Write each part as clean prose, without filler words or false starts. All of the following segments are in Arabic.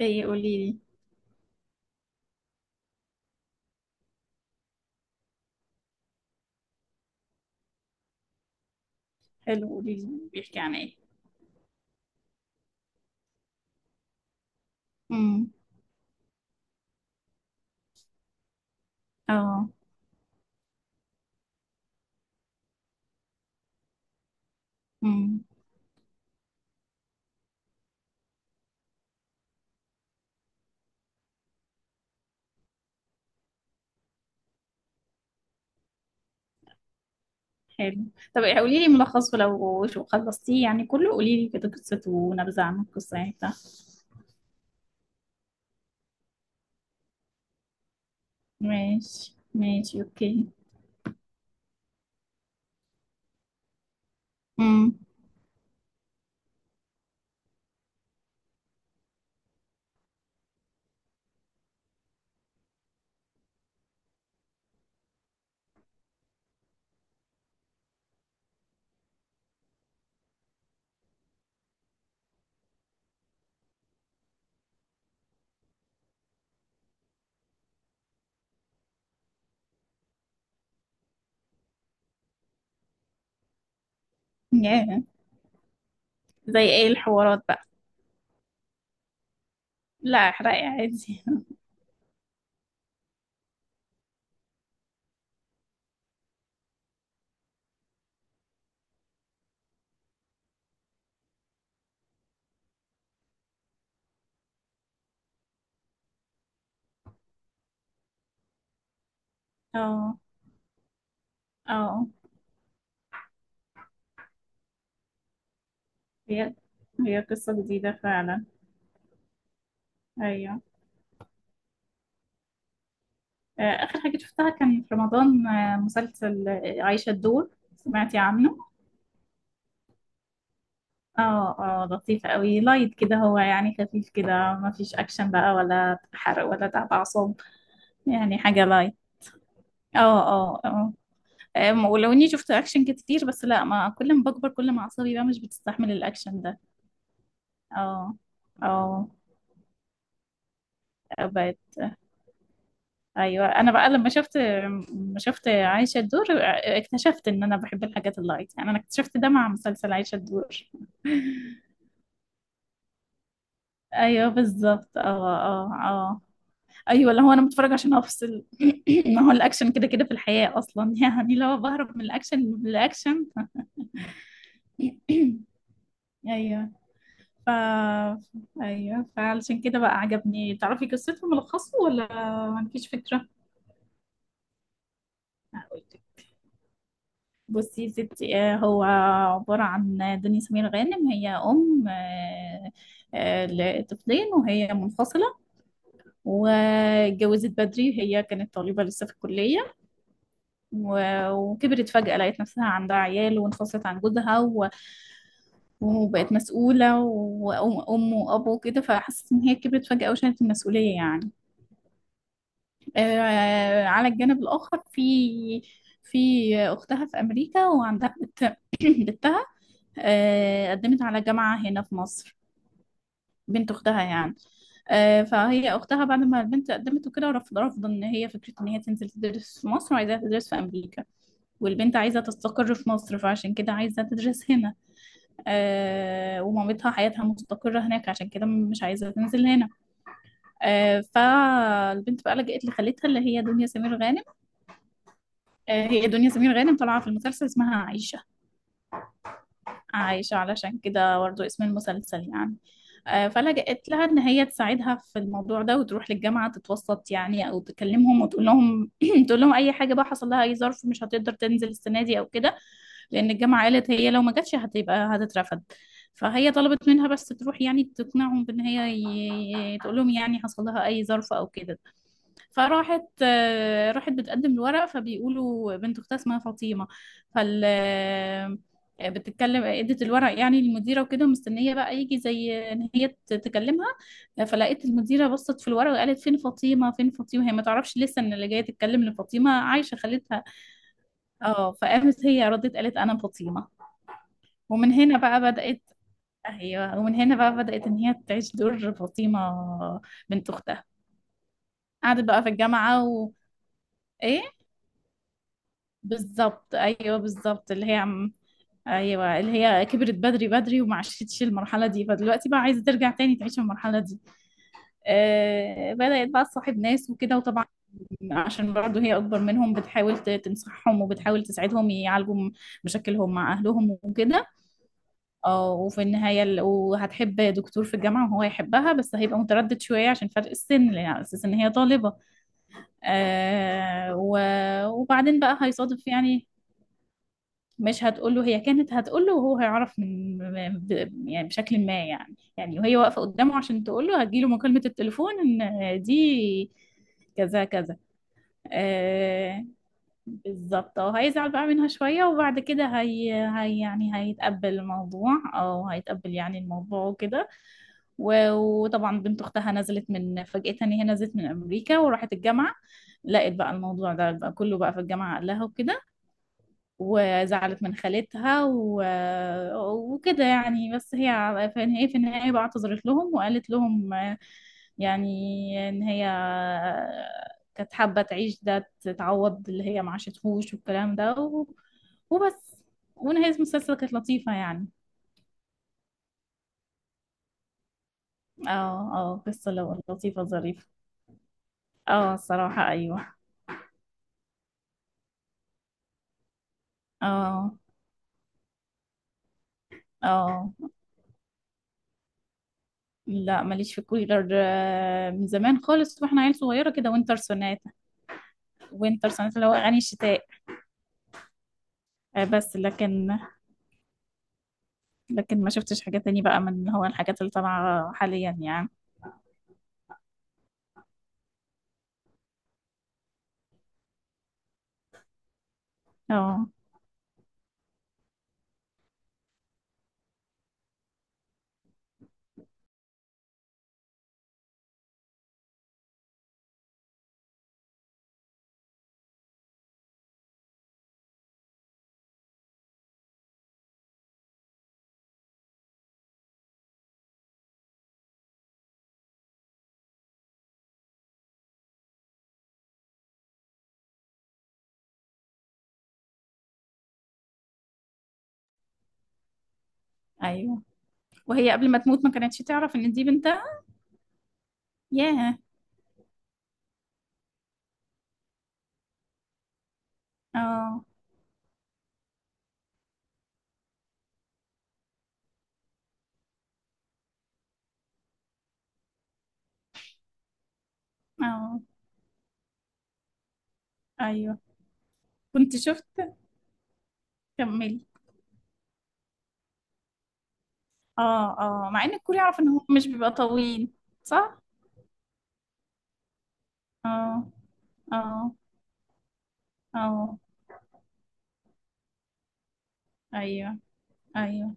ايه؟ قولي لي. حلو، قولي لي بيحكي عن ايه؟ امم. اه. امم. حلو. طب إيه، قولي لي ملخصه لو شو خلصتيه يعني كله، قولي لي كده قصته ونبذة عن القصة يعني بتاع. ماشي، ماشي، اوكي. امم. ياه. زي ايه الحوارات بقى؟ لا، احرقي عادي. اه، اه. هي هي قصة جديدة فعلا. ايوه. اخر حاجة شفتها كان في رمضان، مسلسل عايشة الدور. سمعتي عنه؟ اه، اه، لطيف قوي، لايت كده هو يعني، خفيف كده. ما فيش اكشن بقى ولا حرق ولا تعب اعصاب. يعني حاجه لايت. اه، اه، اه. ولو اني شفت اكشن كتير بس لا، ما كل ما بكبر كل ما اعصابي بقى مش بتستحمل الاكشن ده. اه، اه. بقت. ايوه، انا بقى لما شفت، عايشه الدور، اكتشفت ان انا بحب الحاجات اللايت. يعني انا اكتشفت ده مع مسلسل عايشه الدور. ايوه بالظبط، اه، اه، اه. ايوه اللي هو انا بتفرج عشان افصل. ما هو الاكشن كده كده في الحياه اصلا، يعني لو بهرب من الاكشن للاكشن. ايوه، ف ايوه، فعلشان كده بقى عجبني. تعرفي قصته ملخصه ولا؟ مفيش فكره. هقول لك. بصي يا ستي، هو عباره عن دنيا سمير غانم، هي ام، لطفلين وهي منفصله. واتجوزت بدري، هي كانت طالبه لسه في الكليه. وكبرت فجأة، لقيت نفسها عندها عيال وانفصلت عن جوزها، وبقت مسؤولة وأم وأب وكده. فحست إن هي كبرت فجأة وشالت المسؤولية يعني. آه، على الجانب الآخر في أختها في أمريكا، وعندها بنتها. آه، قدمت على جامعة هنا في مصر. بنت أختها يعني. آه، فهي أختها بعد ما البنت قدمت وكده، رفض إن هي فكرة إن هي تنزل تدرس في مصر، وعايزاها تدرس في أمريكا. والبنت عايزة تستقر في مصر، فعشان كده عايزة تدرس هنا. ومامتها حياتها مستقرة هناك، عشان كده مش عايزة تنزل هنا. فالبنت بقى لجأت لخالتها اللي هي دنيا سمير غانم. هي دنيا سمير غانم طالعة في المسلسل اسمها عايشة. عايشة، علشان كده برضه اسم المسلسل يعني. فلجأت لها إن هي تساعدها في الموضوع ده، وتروح للجامعة تتوسط يعني، أو تكلمهم وتقول لهم تقول لهم أي حاجة بقى، حصل لها أي ظرف مش هتقدر تنزل السنة دي أو كده. لأن الجامعة قالت هي لو ما جاتش هتبقى هتترفض. فهي طلبت منها بس تروح يعني تقنعهم بإن هي، تقول لهم يعني حصل لها أي ظرف أو كده. فراحت، آه، راحت بتقدم الورق، فبيقولوا بنت اختها اسمها فاطمه. فال آه، بتتكلم، ادت الورق يعني للمديره وكده، ومستنيه بقى يجي زي ان هي تكلمها. فلقيت المديره بصت في الورق وقالت فين فاطمه، فين فاطمه. هي ما تعرفش لسه ان اللي جايه تتكلم ان فاطمه عايشه خالتها. اه، فقامت هي ردت قالت انا فاطمه. ومن هنا بقى بدات. ايوه، ومن هنا بقى بدات ان هي تعيش دور فاطمه بنت اختها. قعدت بقى في الجامعه و. ايه. بالظبط، ايوه بالظبط، اللي هي ايوه، اللي هي كبرت بدري بدري وما عاشتش المرحله دي، فدلوقتي بقى عايزه ترجع تاني تعيش المرحله دي. آه، بدات بقى تصاحب ناس وكده، وطبعا عشان برضه هي اكبر منهم بتحاول تنصحهم، وبتحاول تساعدهم يعالجوا مشاكلهم مع اهلهم وكده. اه، وفي النهايه وهتحب دكتور في الجامعه، وهو يحبها بس هيبقى متردد شويه عشان فرق السن، لأن على اساس ان هي طالبه. آه، وبعدين بقى هيصادف يعني. مش هتقوله، هي كانت هتقوله وهو هيعرف من، يعني بشكل ما، يعني وهي واقفة قدامه عشان تقوله هتجيله مكالمة التليفون ان دي كذا كذا. آه، بالظبط، اه، هيزعل بقى منها شوية. وبعد كده هي يعني هيتقبل الموضوع، او هيتقبل يعني الموضوع وكده. وطبعا بنت اختها نزلت من فجأة، ان هي نزلت من امريكا وراحت الجامعة، لقيت بقى الموضوع ده بقى كله بقى في الجامعة قال لها وكده، وزعلت من خالتها و. وكده يعني، بس هي في النهاية، بقى اعتذرت لهم وقالت لهم يعني إن هي كانت حابة تعيش ده، تتعوض اللي هي ما عاشتهوش والكلام ده و. وبس. ونهاية المسلسل كانت لطيفة يعني. اه. اه، قصة لطيفة ظريفة. اه، الصراحة ايوه. اه، اه. لا ماليش في كولر، من زمان خالص واحنا عيل صغيرة كده، وينتر سوناتا. وينتر سوناتا اللي هو اغاني الشتاء. بس لكن ما شفتش حاجة تاني بقى من اللي هو الحاجات اللي طالعة حاليا يعني. اه، ايوه. وهي قبل ما تموت ما كانتش تعرف ان دي بنتها. ياه. اه، اه، ايوه. كنت شفت. كملي. اه، اه، مع ان الكل يعرف ان هو مش بيبقى طويل. صح. اه، اه، اه. ايوه، ايوه،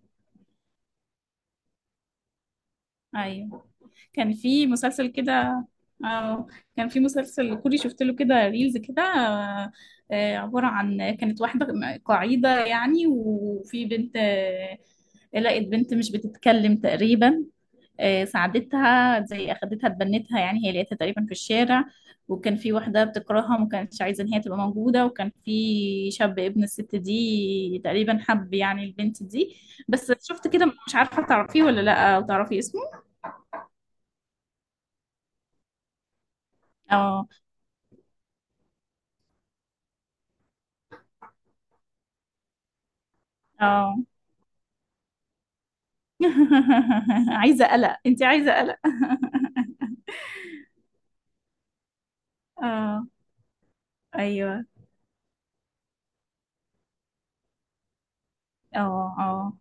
ايوه، كان في مسلسل كده. اه، كان في مسلسل كوري شفت له كده ريلز كده، عبارة عن كانت واحدة قاعدة يعني. وفي بنت، لقت بنت مش بتتكلم تقريبا. ساعدتها، زي اخدتها اتبنتها يعني، هي لقيتها تقريبا في الشارع. وكان في واحدة بتكرهها وما كانتش عايزة ان هي تبقى موجودة. وكان في شاب ابن الست دي تقريبا حب يعني البنت دي. بس شفت كده مش عارفة تعرفيه ولا لا، او تعرفي اسمه. اه، اه. عايزة قلق، انت عايزة قلق. اه، ايوه، اه، اه،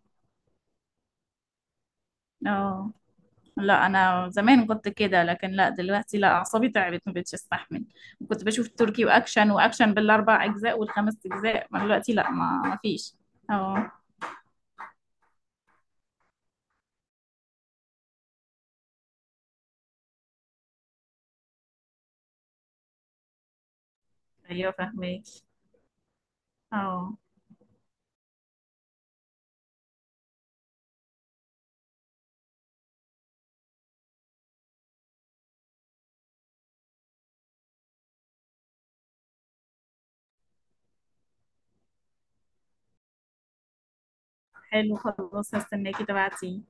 اه. لا، انا زمان كنت كده، لكن لا دلوقتي، لا، اعصابي تعبت ما بقتش استحمل. كنت بشوف تركي، واكشن واكشن بالاربع اجزاء والخمس اجزاء، ما دلوقتي لا، ما فيش. اه، ايوه فاهمك. اه، حلو، خلاص هستناكي تبعتي.